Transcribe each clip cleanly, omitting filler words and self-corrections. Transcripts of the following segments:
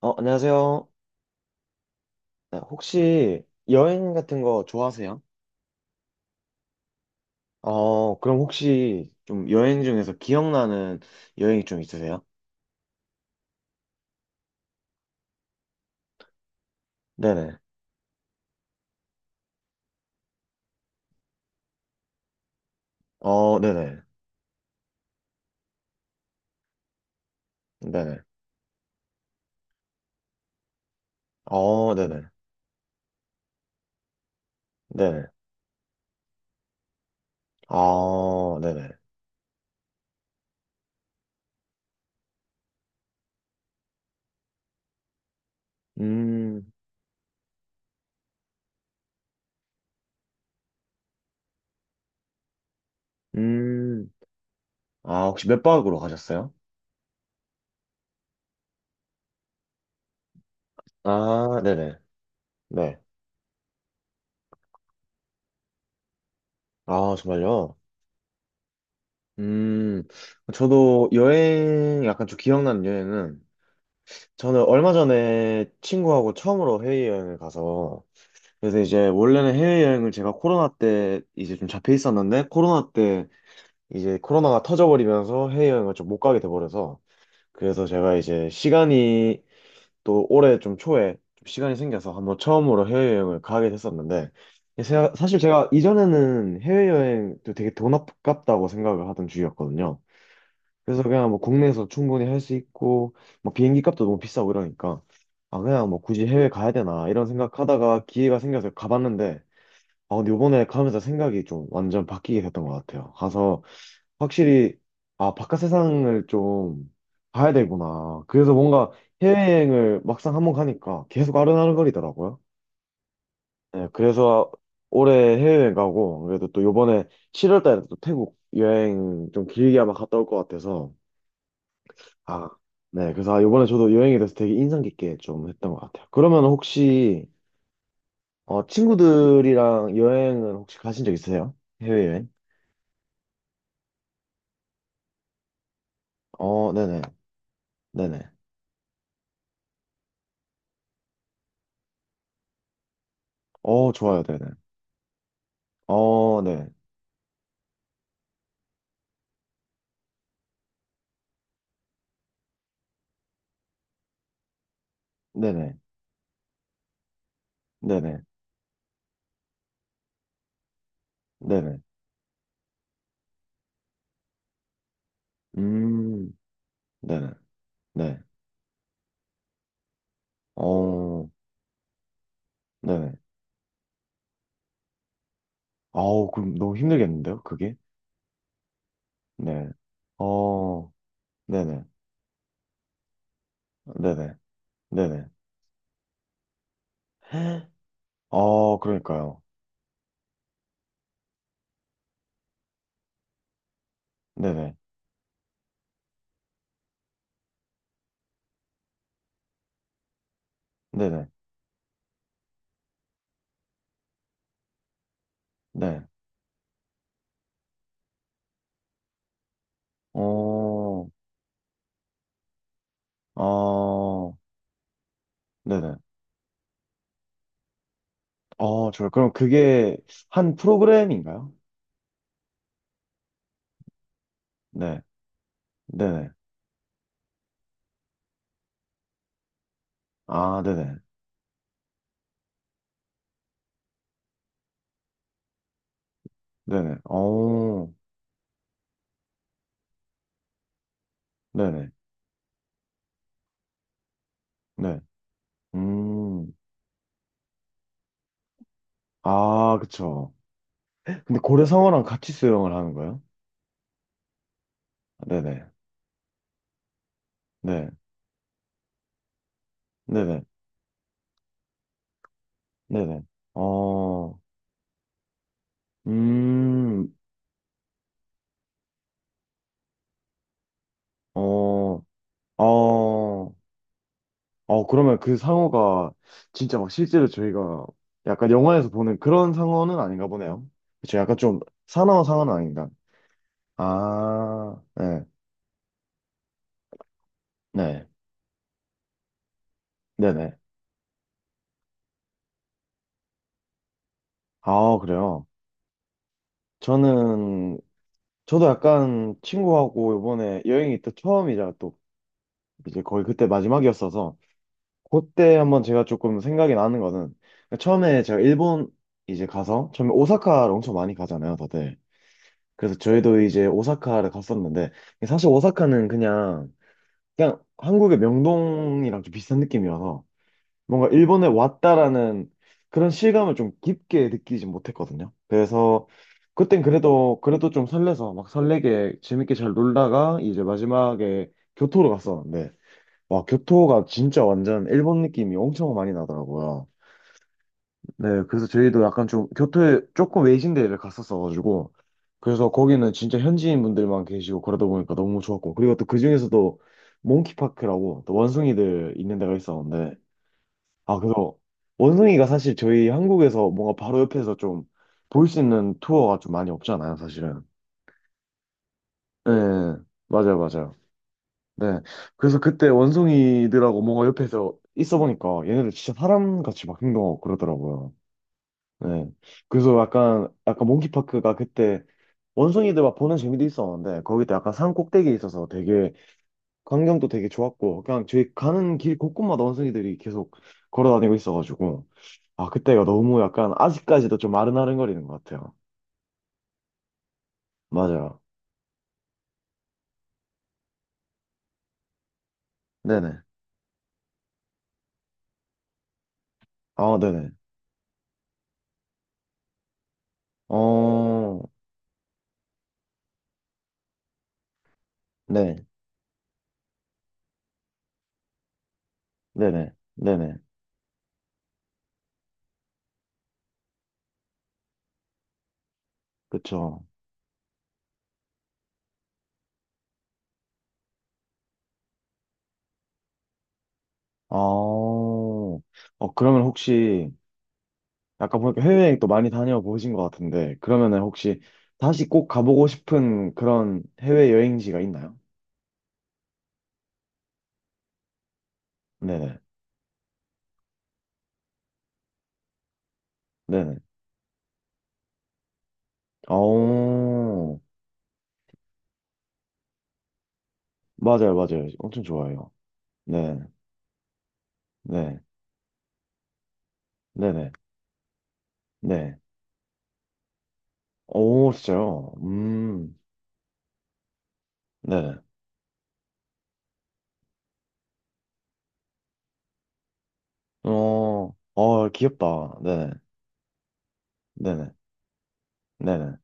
안녕하세요. 네, 혹시 여행 같은 거 좋아하세요? 그럼 혹시 좀 여행 중에서 기억나는 여행이 좀 있으세요? 네네. 어, 네네. 네네. 어, 네네. 네네. 어, 네네. 음, 음. 아, 혹시 몇 박으로 가셨어요? 아, 네네. 네. 아, 정말요? 음, 저도 여행, 약간 좀 기억나는 여행은, 저는 얼마 전에 친구하고 처음으로 해외여행을 가서, 그래서 이제 원래는 해외여행을 제가 코로나 때 이제 좀 잡혀 있었는데 코로나 때 이제 코로나가 터져버리면서 해외여행을 좀 못 가게 돼버려서 그래서 제가 이제 시간이 또 올해 좀 초에 좀 시간이 생겨서 한번 처음으로 해외여행을 가게 됐었는데 사실 제가 이전에는 해외여행도 되게 돈 아깝다고 생각을 하던 주의였거든요. 그래서 그냥 뭐 국내에서 충분히 할 수 있고 뭐 비행기 값도 너무 비싸고 이러니까 아 그냥 뭐 굳이 해외 가야 되나 이런 생각하다가 기회가 생겨서 가봤는데 아, 근데 요번에 가면서 생각이 좀 완전 바뀌게 됐던 것 같아요. 가서 확실히, 아, 바깥 세상을 좀 봐야 되구나. 그래서 뭔가 해외여행을 막상 한번 가니까 계속 아른아른거리더라고요. 네, 그래서 올해 해외여행 가고, 그래도 또 요번에 7월 달에 또 태국 여행 좀 길게 아마 갔다 올 것 같아서, 아, 네, 그래서 아, 요번에 저도 여행에 대해서 되게 인상 깊게 좀 했던 것 같아요. 그러면 혹시, 친구들이랑 여행을 혹시 가신 적 있으세요? 해외여행? 어, 네네. 네네. 어, 좋아요. 네네. 어, 네. 네네. 네네. 네네. 음, 네네. 네. 어, 네네. 아우, 그럼 너무 힘들겠는데요? 그게? 네. 어, 네네. 네네. 네네. 그러니까요. 네네. 네네. 네. 어, 어, 네네. 어, 좋아요. 그럼 그게 한 프로그램인가요? 네. 네네. 아, 네네. 네네. 어, 네네. 네. 음, 아, 그쵸. 근데 고래 상어랑 같이 수영을 하는 거예요? 네네. 네. 네네. 네네. 어, 음, 어, 어, 그러면 그 상어가 진짜 막 실제로 저희가 약간 영화에서 보는 그런 상어는 아닌가 보네요. 그쵸. 약간 좀 사나운 상어는 아닌가. 아, 네. 네. 네네. 아, 그래요. 저는, 저도 약간 친구하고 이번에 여행이 또 처음이자 또 이제 거의 그때 마지막이었어서 그때 한번 제가 조금 생각이 나는 거는 그러니까 처음에 제가 일본 이제 가서 처음에 오사카를 엄청 많이 가잖아요, 다들. 그래서 저희도 이제 오사카를 갔었는데 사실 오사카는 그냥 그냥 한국의 명동이랑 좀 비슷한 느낌이어서 뭔가 일본에 왔다라는 그런 실감을 좀 깊게 느끼지 못했거든요. 그래서 그땐 그래도 좀 설레서 막 설레게 재밌게 잘 놀다가 이제 마지막에 교토로 갔었는데 와, 교토가 진짜 완전 일본 느낌이 엄청 많이 나더라고요. 네, 그래서 저희도 약간 좀 교토에 조금 외진 데를 갔었어가지고, 그래서 거기는 진짜 현지인 분들만 계시고 그러다 보니까 너무 좋았고, 그리고 또 그중에서도 몽키파크라고 또 원숭이들 있는 데가 있었는데, 아, 그래서 원숭이가 사실 저희 한국에서 뭔가 바로 옆에서 좀 볼 수 있는 투어가 좀 많이 없잖아요, 사실은. 네, 맞아요, 맞아요. 네. 그래서 그때 원숭이들하고 뭔가 옆에서 있어 보니까 얘네들 진짜 사람같이 막 행동하고 그러더라고요. 네. 그래서 약간, 약간 몽키파크가 그때 원숭이들 막 보는 재미도 있었는데 거기도 약간 산 꼭대기에 있어서 되게 광경도 되게 좋았고 그냥 저희 가는 길 곳곳마다 원숭이들이 계속 걸어 다니고 있어가지고 아, 그때가 너무 약간 아직까지도 좀 아른아른거리는 것 같아요. 맞아요. 네네. 아, 네네. 어, 네. 네네. 네네. 그쵸. 어, 그러면 혹시, 아까 보니까 해외여행 또 많이 다녀보신 것 같은데, 그러면은 혹시 다시 꼭 가보고 싶은 그런 해외여행지가 있나요? 네네, 네네. 어, 맞아요, 맞아요. 엄청 좋아요. 네, 네, 네네, 네. 오, 진짜요? 네네. 어, 어, 귀엽다. 네네, 네네, 네네.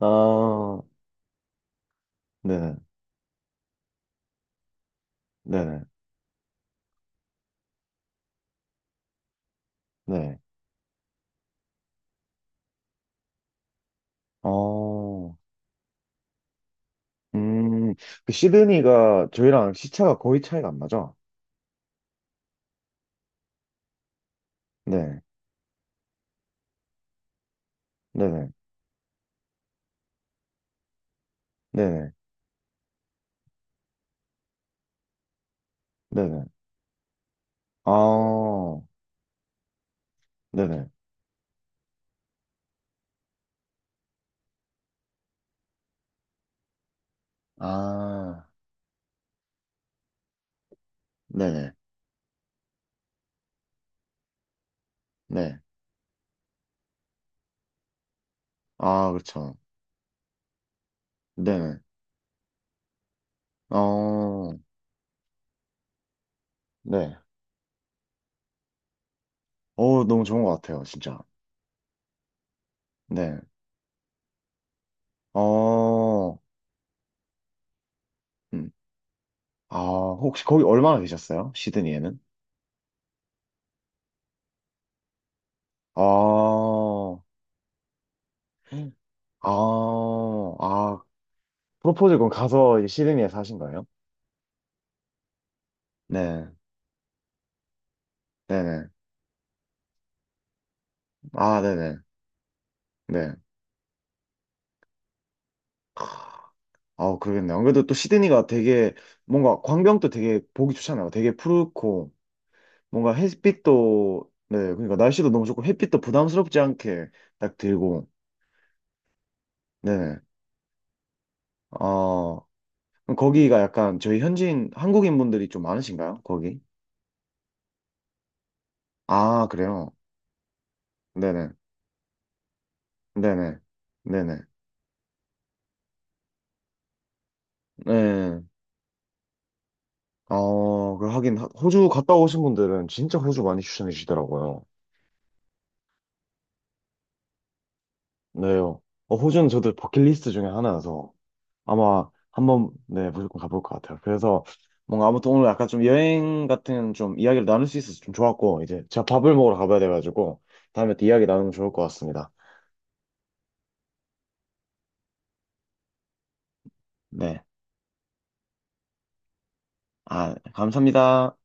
아, 네네, 네네, 네. 어, 음, 그 시드니가 저희랑 시차가 거의 차이가 안 나죠? 네, 네네, 네네, 네네. 아, 네네. 아, 네네, 네. 아, 그렇죠. 네네. 어, 네. 어, 너무 좋은 것 같아요, 진짜. 네. 어, 음. 아, 혹시 거기 얼마나 계셨어요? 시드니에는? 아, 아, 아, 프로포즈 건 가서 이제 시드니에 사신 거예요? 네, 네네. 아, 네네. 네. 아, 그러겠네. 안 그래도 또 시드니가 되게 뭔가 광경도 되게 보기 좋잖아요. 되게 푸르고 뭔가 햇빛도 네, 그러니까 날씨도 너무 좋고 햇빛도 부담스럽지 않게 딱 들고 네. 아, 그럼 거기가 약간 저희 현지인 한국인 분들이 좀 많으신가요? 거기? 아, 그래요. 네네. 네네. 네네. 네. 어, 그 하긴 호주 갔다 오신 분들은 진짜 호주 많이 추천해 주시더라고요. 네요. 어, 호주는 저도 버킷리스트 중에 하나여서 아마 한번 네 무조건 가볼 것 같아요. 그래서 뭔가 아무튼 오늘 약간 좀 여행 같은 좀 이야기를 나눌 수 있어서 좀 좋았고 이제 제가 밥을 먹으러 가봐야 돼가지고 다음에 또 이야기 나누면 좋을 것 같습니다. 네, 아 감사합니다.